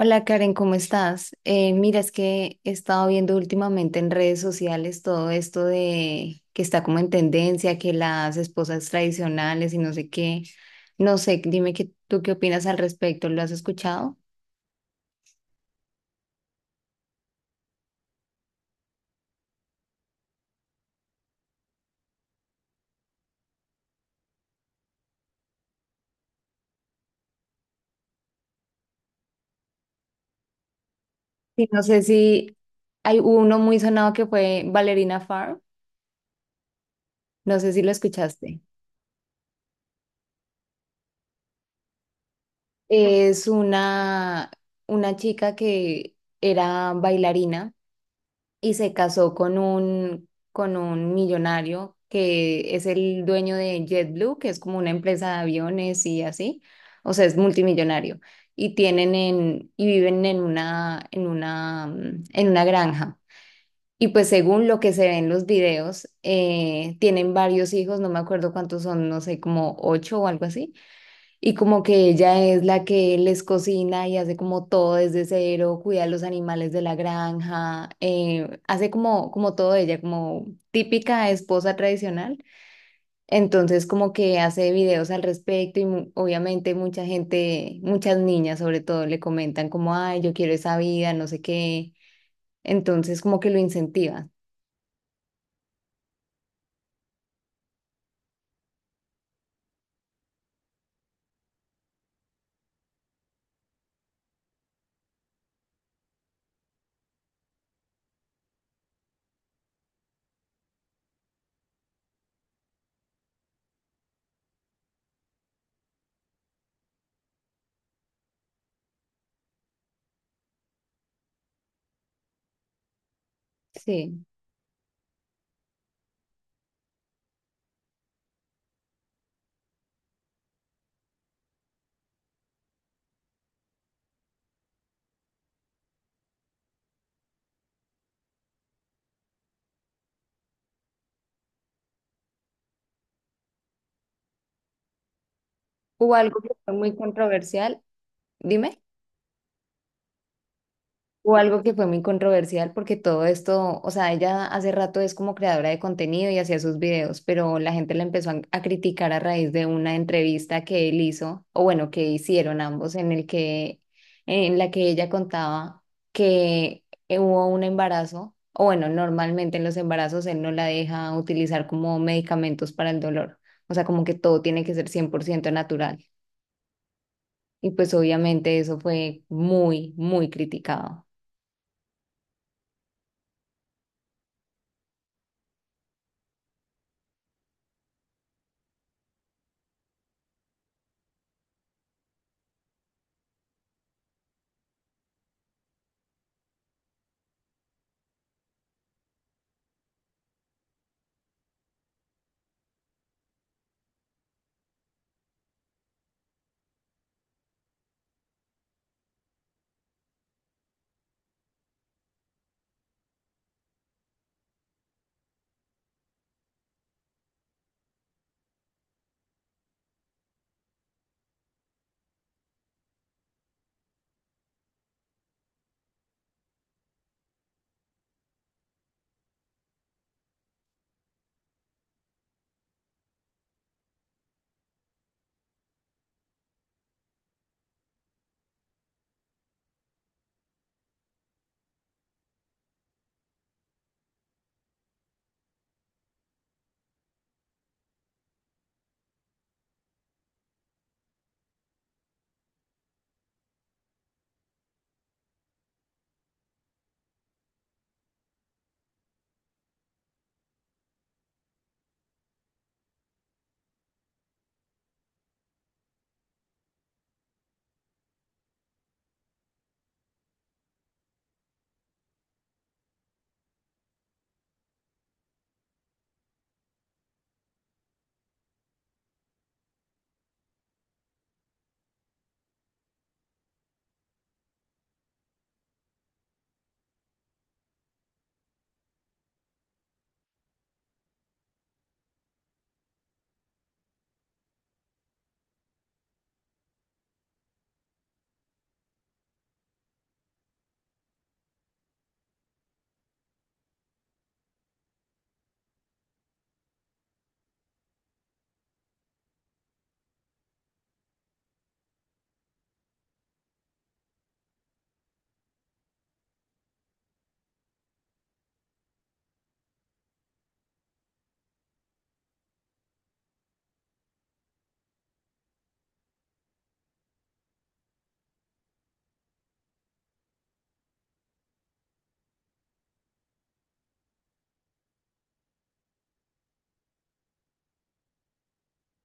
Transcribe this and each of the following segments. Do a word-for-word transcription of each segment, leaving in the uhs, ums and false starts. Hola Karen, ¿cómo estás? Eh, mira, es que he estado viendo últimamente en redes sociales todo esto de que está como en tendencia, que las esposas tradicionales y no sé qué. No sé, dime que, tú qué opinas al respecto, ¿lo has escuchado? Sí, no sé si hay uno muy sonado que fue Valerina Farr, no sé si lo escuchaste. Es una, una chica que era bailarina y se casó con un, con un millonario que es el dueño de JetBlue, que es como una empresa de aviones y así, o sea, es multimillonario. Y tienen en, y viven en una, en una, mm, en una granja. Y pues según lo que se ve en los videos, eh, tienen varios hijos, no me acuerdo cuántos son, no sé, como ocho o algo así. Y como que ella es la que les cocina y hace como todo desde cero, cuida a los animales de la granja, eh, hace como, como todo ella, como típica esposa tradicional. Entonces como que hace videos al respecto y mu- obviamente mucha gente, muchas niñas sobre todo le comentan como, ay, yo quiero esa vida, no sé qué. Entonces como que lo incentiva. Sí. Hubo algo que fue muy controversial. Dime. O algo que fue muy controversial porque todo esto, o sea, ella hace rato es como creadora de contenido y hacía sus videos, pero la gente la empezó a, a criticar a raíz de una entrevista que él hizo, o bueno, que hicieron ambos, en el que, en la que ella contaba que eh, hubo un embarazo, o bueno, normalmente en los embarazos él no la deja utilizar como medicamentos para el dolor, o sea, como que todo tiene que ser cien por ciento natural. Y pues obviamente eso fue muy, muy criticado.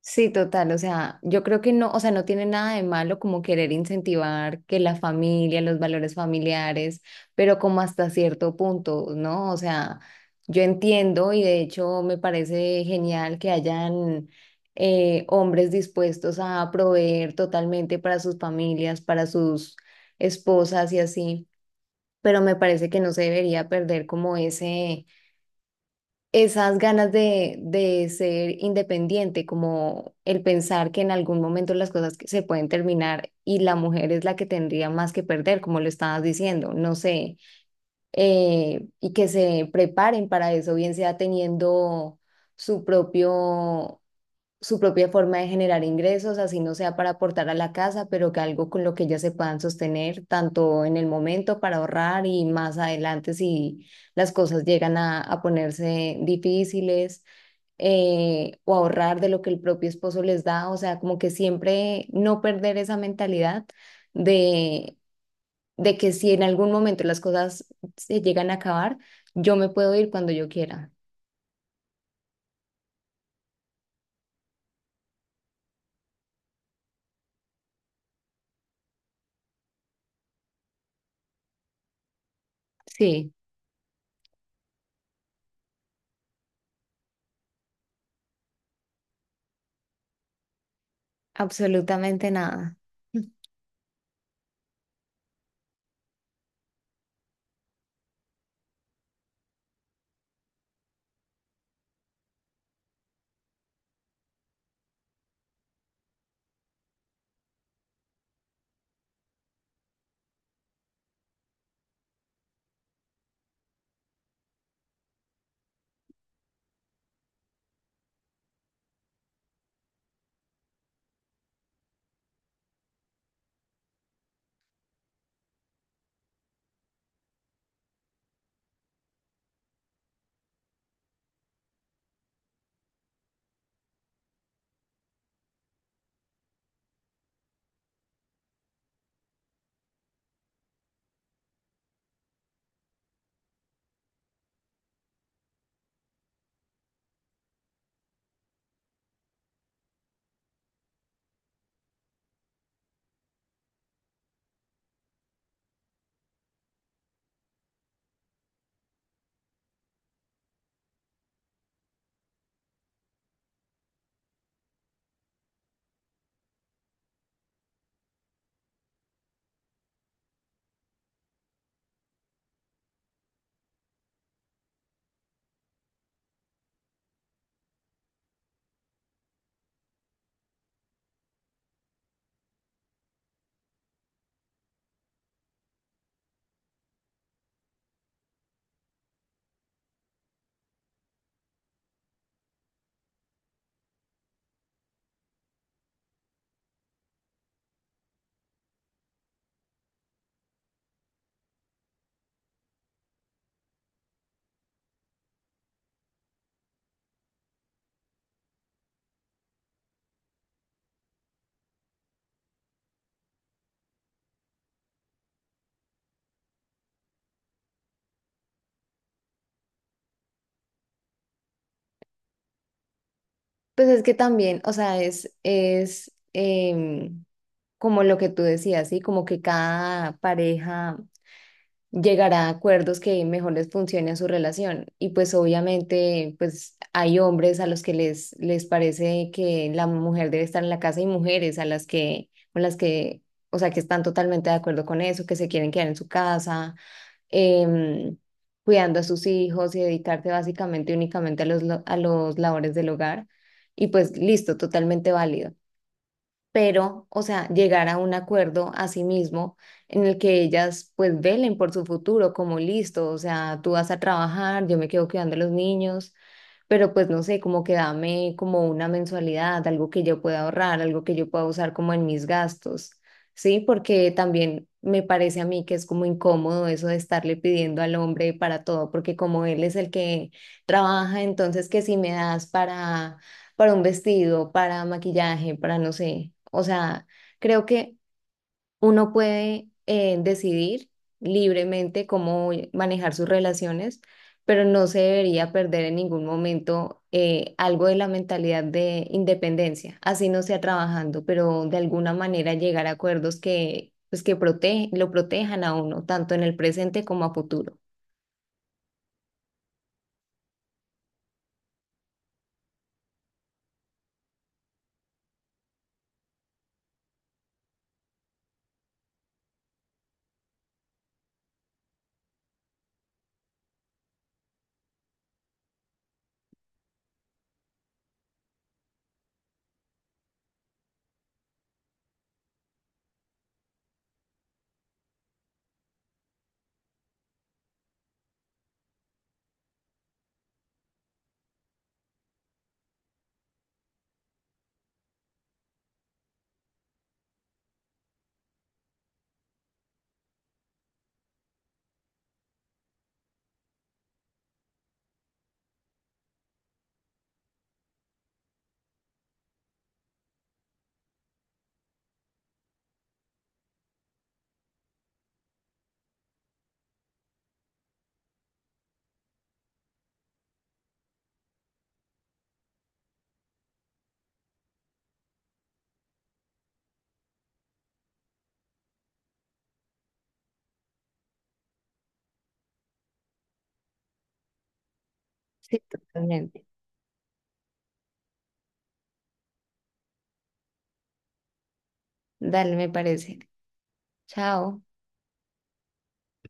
Sí, total, o sea, yo creo que no, o sea, no tiene nada de malo como querer incentivar que la familia, los valores familiares, pero como hasta cierto punto, ¿no? O sea, yo entiendo y de hecho me parece genial que hayan eh, hombres dispuestos a proveer totalmente para sus familias, para sus esposas y así, pero me parece que no se debería perder como ese esas ganas de, de ser independiente, como el pensar que en algún momento las cosas que- se pueden terminar y la mujer es la que tendría más que perder, como lo estabas diciendo, no sé, eh, y que se preparen para eso, bien sea teniendo su propio su propia forma de generar ingresos, así no sea para aportar a la casa, pero que algo con lo que ellas se puedan sostener, tanto en el momento para ahorrar y más adelante si las cosas llegan a, a ponerse difíciles eh, o ahorrar de lo que el propio esposo les da, o sea, como que siempre no perder esa mentalidad de, de que si en algún momento las cosas se llegan a acabar, yo me puedo ir cuando yo quiera. Sí, absolutamente nada. Pues es que también, o sea, es, es em, como lo que tú decías, ¿sí? Como que cada pareja llegará a acuerdos que mejor les funcione a su relación. Y pues obviamente, pues hay hombres a los que les, les parece que la mujer debe estar en la casa y mujeres a las que, con las que, o sea, que están totalmente de acuerdo con eso, que se quieren quedar en su casa em, cuidando a sus hijos y dedicarse básicamente únicamente a los, lo- a los labores del hogar. Y pues listo, totalmente válido pero, o sea, llegar a un acuerdo a sí mismo en el que ellas pues velen por su futuro, como listo, o sea, tú vas a trabajar, yo me quedo cuidando a los niños, pero pues no sé, como que dame como una mensualidad, algo que yo pueda ahorrar, algo que yo pueda usar como en mis gastos, ¿sí? Porque también me parece a mí que es como incómodo eso de estarle pidiendo al hombre para todo, porque como él es el que trabaja, entonces que si me das para para un vestido, para maquillaje, para no sé. O sea, creo que uno puede eh, decidir libremente cómo manejar sus relaciones, pero no se debería perder en ningún momento eh, algo de la mentalidad de independencia, así no sea trabajando, pero de alguna manera llegar a acuerdos que, pues, que protege, lo protejan a uno, tanto en el presente como a futuro. Sí, totalmente. Dale, me parece. Chao.